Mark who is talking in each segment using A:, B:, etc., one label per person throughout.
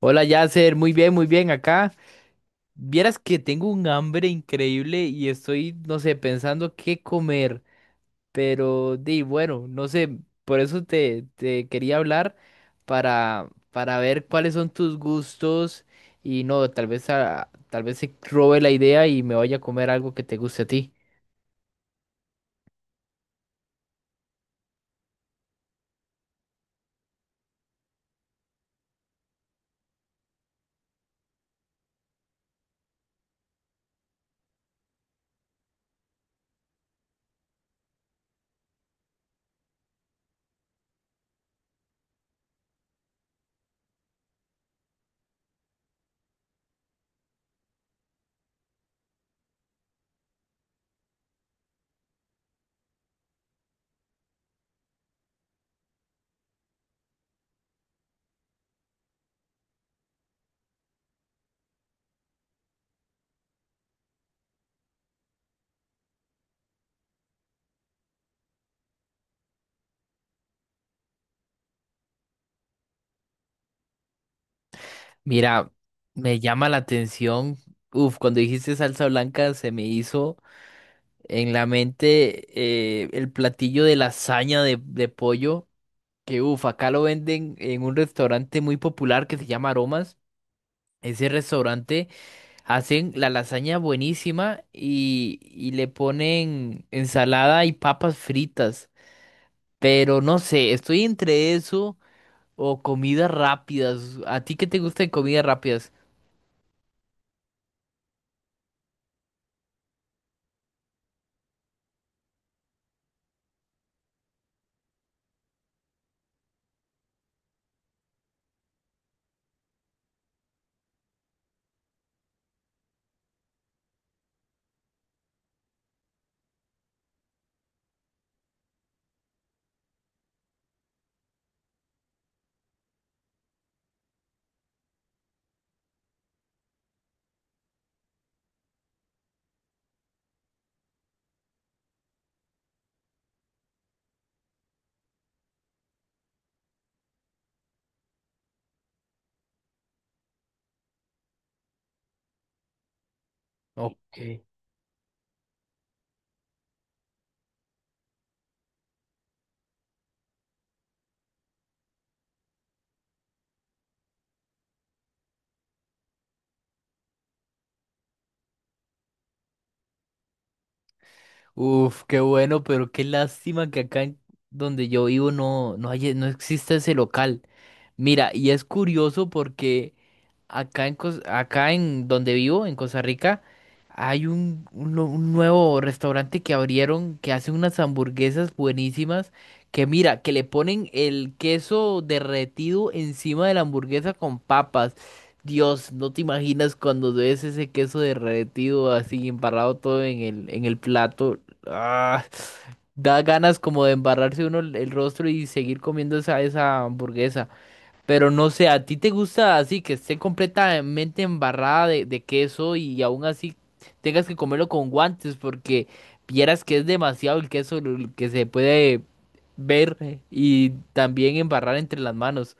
A: Hola Yasser, muy bien acá. Vieras que tengo un hambre increíble y estoy, no sé, pensando qué comer, pero di, bueno, no sé, por eso te quería hablar para ver cuáles son tus gustos y no, tal vez, tal vez se robe la idea y me vaya a comer algo que te guste a ti. Mira, me llama la atención, uf, cuando dijiste salsa blanca se me hizo en la mente el platillo de lasaña de pollo, que uff, acá lo venden en un restaurante muy popular que se llama Aromas. Ese restaurante hacen la lasaña buenísima y, le ponen ensalada y papas fritas. Pero no sé, estoy entre eso o comidas rápidas. ¿A ti qué te gustan comidas rápidas? Ok. Uf, qué bueno, pero qué lástima que acá en donde yo vivo no hay, no existe ese local. Mira, y es curioso porque acá en donde vivo, en Costa Rica, hay un nuevo restaurante que abrieron que hace unas hamburguesas buenísimas que mira, que le ponen el queso derretido encima de la hamburguesa con papas. Dios, no te imaginas cuando ves ese queso derretido así embarrado todo en en el plato. Ah, da ganas como de embarrarse uno el rostro y seguir comiendo esa hamburguesa. Pero no sé, ¿a ti te gusta así que esté completamente embarrada de queso y aún así tengas que comerlo con guantes porque vieras que es demasiado el queso el que se puede ver y también embarrar entre las manos?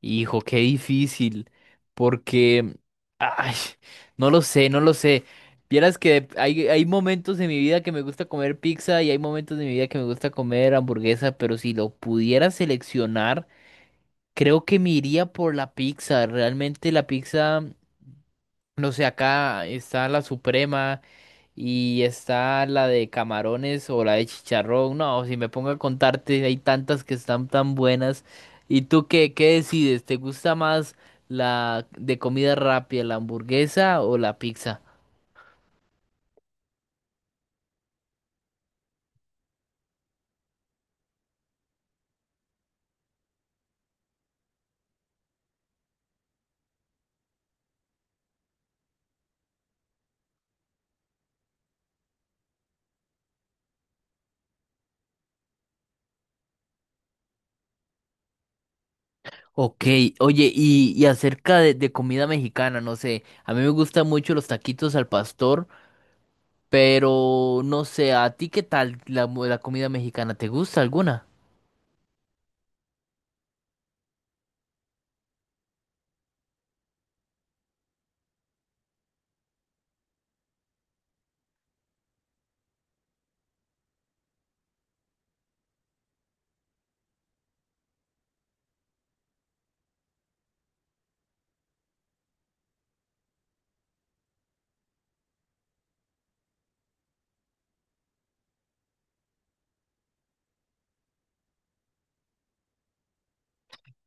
A: Hijo, qué difícil, porque, ay, no lo sé, no lo sé. Vieras que hay momentos de mi vida que me gusta comer pizza y hay momentos de mi vida que me gusta comer hamburguesa, pero si lo pudiera seleccionar. Creo que me iría por la pizza. Realmente la pizza, no sé, acá está la suprema y está la de camarones o la de chicharrón. No, si me pongo a contarte, hay tantas que están tan buenas. ¿Y tú qué, qué decides? ¿Te gusta más la de comida rápida, la hamburguesa o la pizza? Ok, oye, y acerca de comida mexicana, no sé, a mí me gustan mucho los taquitos al pastor. Pero no sé, ¿a ti qué tal la comida mexicana? ¿Te gusta alguna?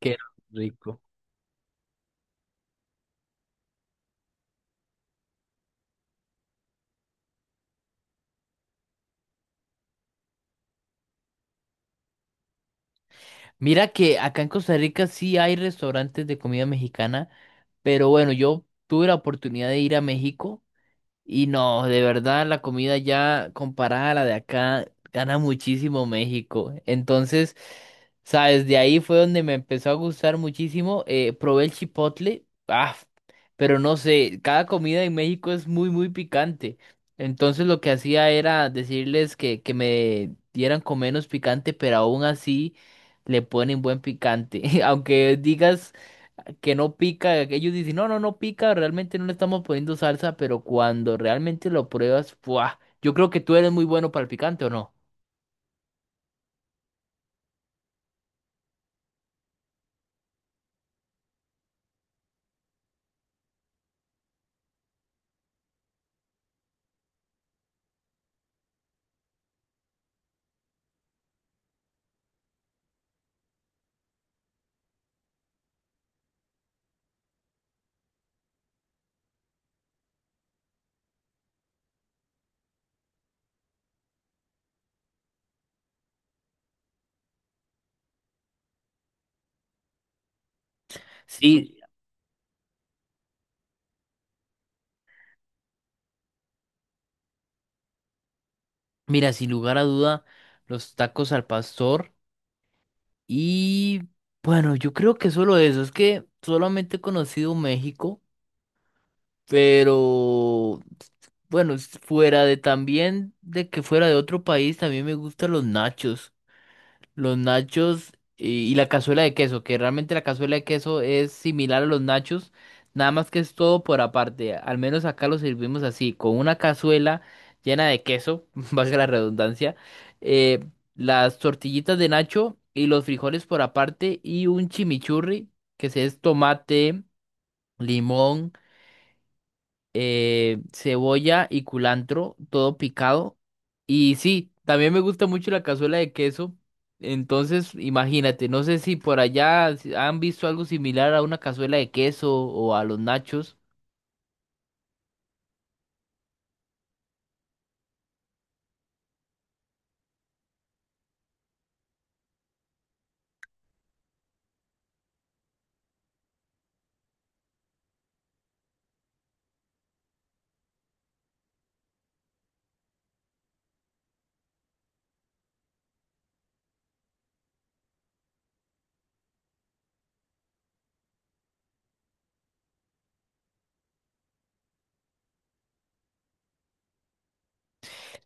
A: Qué rico. Mira que acá en Costa Rica sí hay restaurantes de comida mexicana, pero bueno, yo tuve la oportunidad de ir a México. Y no, de verdad, la comida ya comparada a la de acá gana muchísimo México. Entonces, sabes, de ahí fue donde me empezó a gustar muchísimo. Probé el chipotle, ah, pero no sé, cada comida en México es muy, muy picante. Entonces, lo que hacía era decirles que me dieran con menos picante, pero aún así le ponen buen picante. Aunque digas que no pica, ellos dicen, no, no, no pica, realmente no le estamos poniendo salsa, pero cuando realmente lo pruebas, ¡buah! Yo creo que tú eres muy bueno para el picante, ¿o no? Sí, mira, sin lugar a duda, los tacos al pastor y bueno, yo creo que solo eso, es que solamente he conocido México, pero bueno, fuera de también de que fuera de otro país, también me gustan los nachos. Los nachos y, la cazuela de queso, que realmente la cazuela de queso es similar a los nachos, nada más que es todo por aparte. Al menos acá lo servimos así, con una cazuela llena de queso, valga la redundancia, eh, las tortillitas de nacho y los frijoles por aparte y un chimichurri, que se es tomate, limón, cebolla y culantro, todo picado. Y sí, también me gusta mucho la cazuela de queso. Entonces, imagínate, no sé si por allá si han visto algo similar a una cazuela de queso o a los nachos.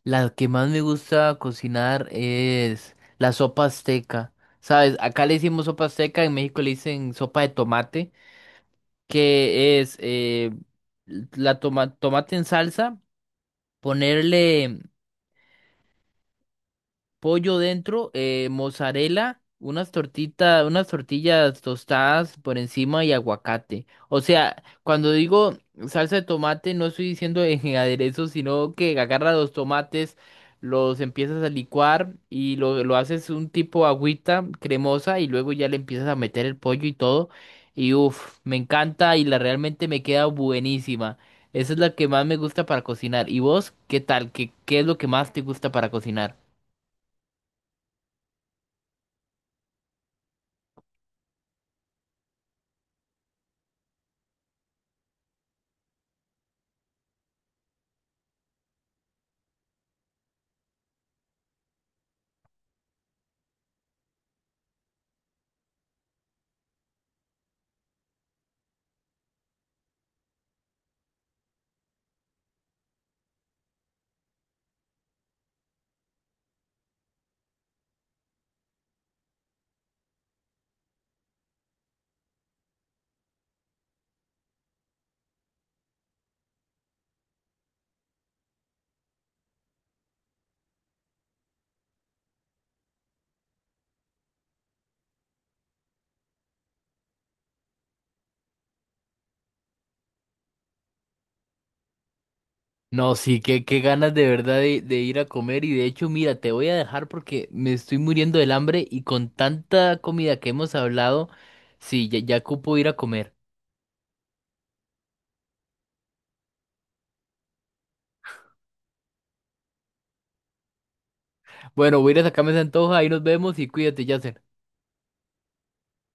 A: La que más me gusta cocinar es la sopa azteca. ¿Sabes? Acá le decimos sopa azteca, en México le dicen sopa de tomate, que es la tomate en salsa, ponerle pollo dentro, mozzarella, unas tortitas, unas tortillas tostadas por encima y aguacate. O sea, cuando digo salsa de tomate, no estoy diciendo en aderezo, sino que agarra los tomates, los empiezas a licuar y lo haces un tipo agüita cremosa y luego ya le empiezas a meter el pollo y todo. Y uff, me encanta y la realmente me queda buenísima. Esa es la que más me gusta para cocinar. ¿Y vos qué tal? ¿Qué, qué es lo que más te gusta para cocinar? No, sí, qué, qué ganas de verdad de ir a comer y de hecho, mira, te voy a dejar porque me estoy muriendo del hambre y con tanta comida que hemos hablado, sí, ya, ya ocupo ir a comer. Bueno, voy a ir a sacarme esa antoja, ahí nos vemos y cuídate, ya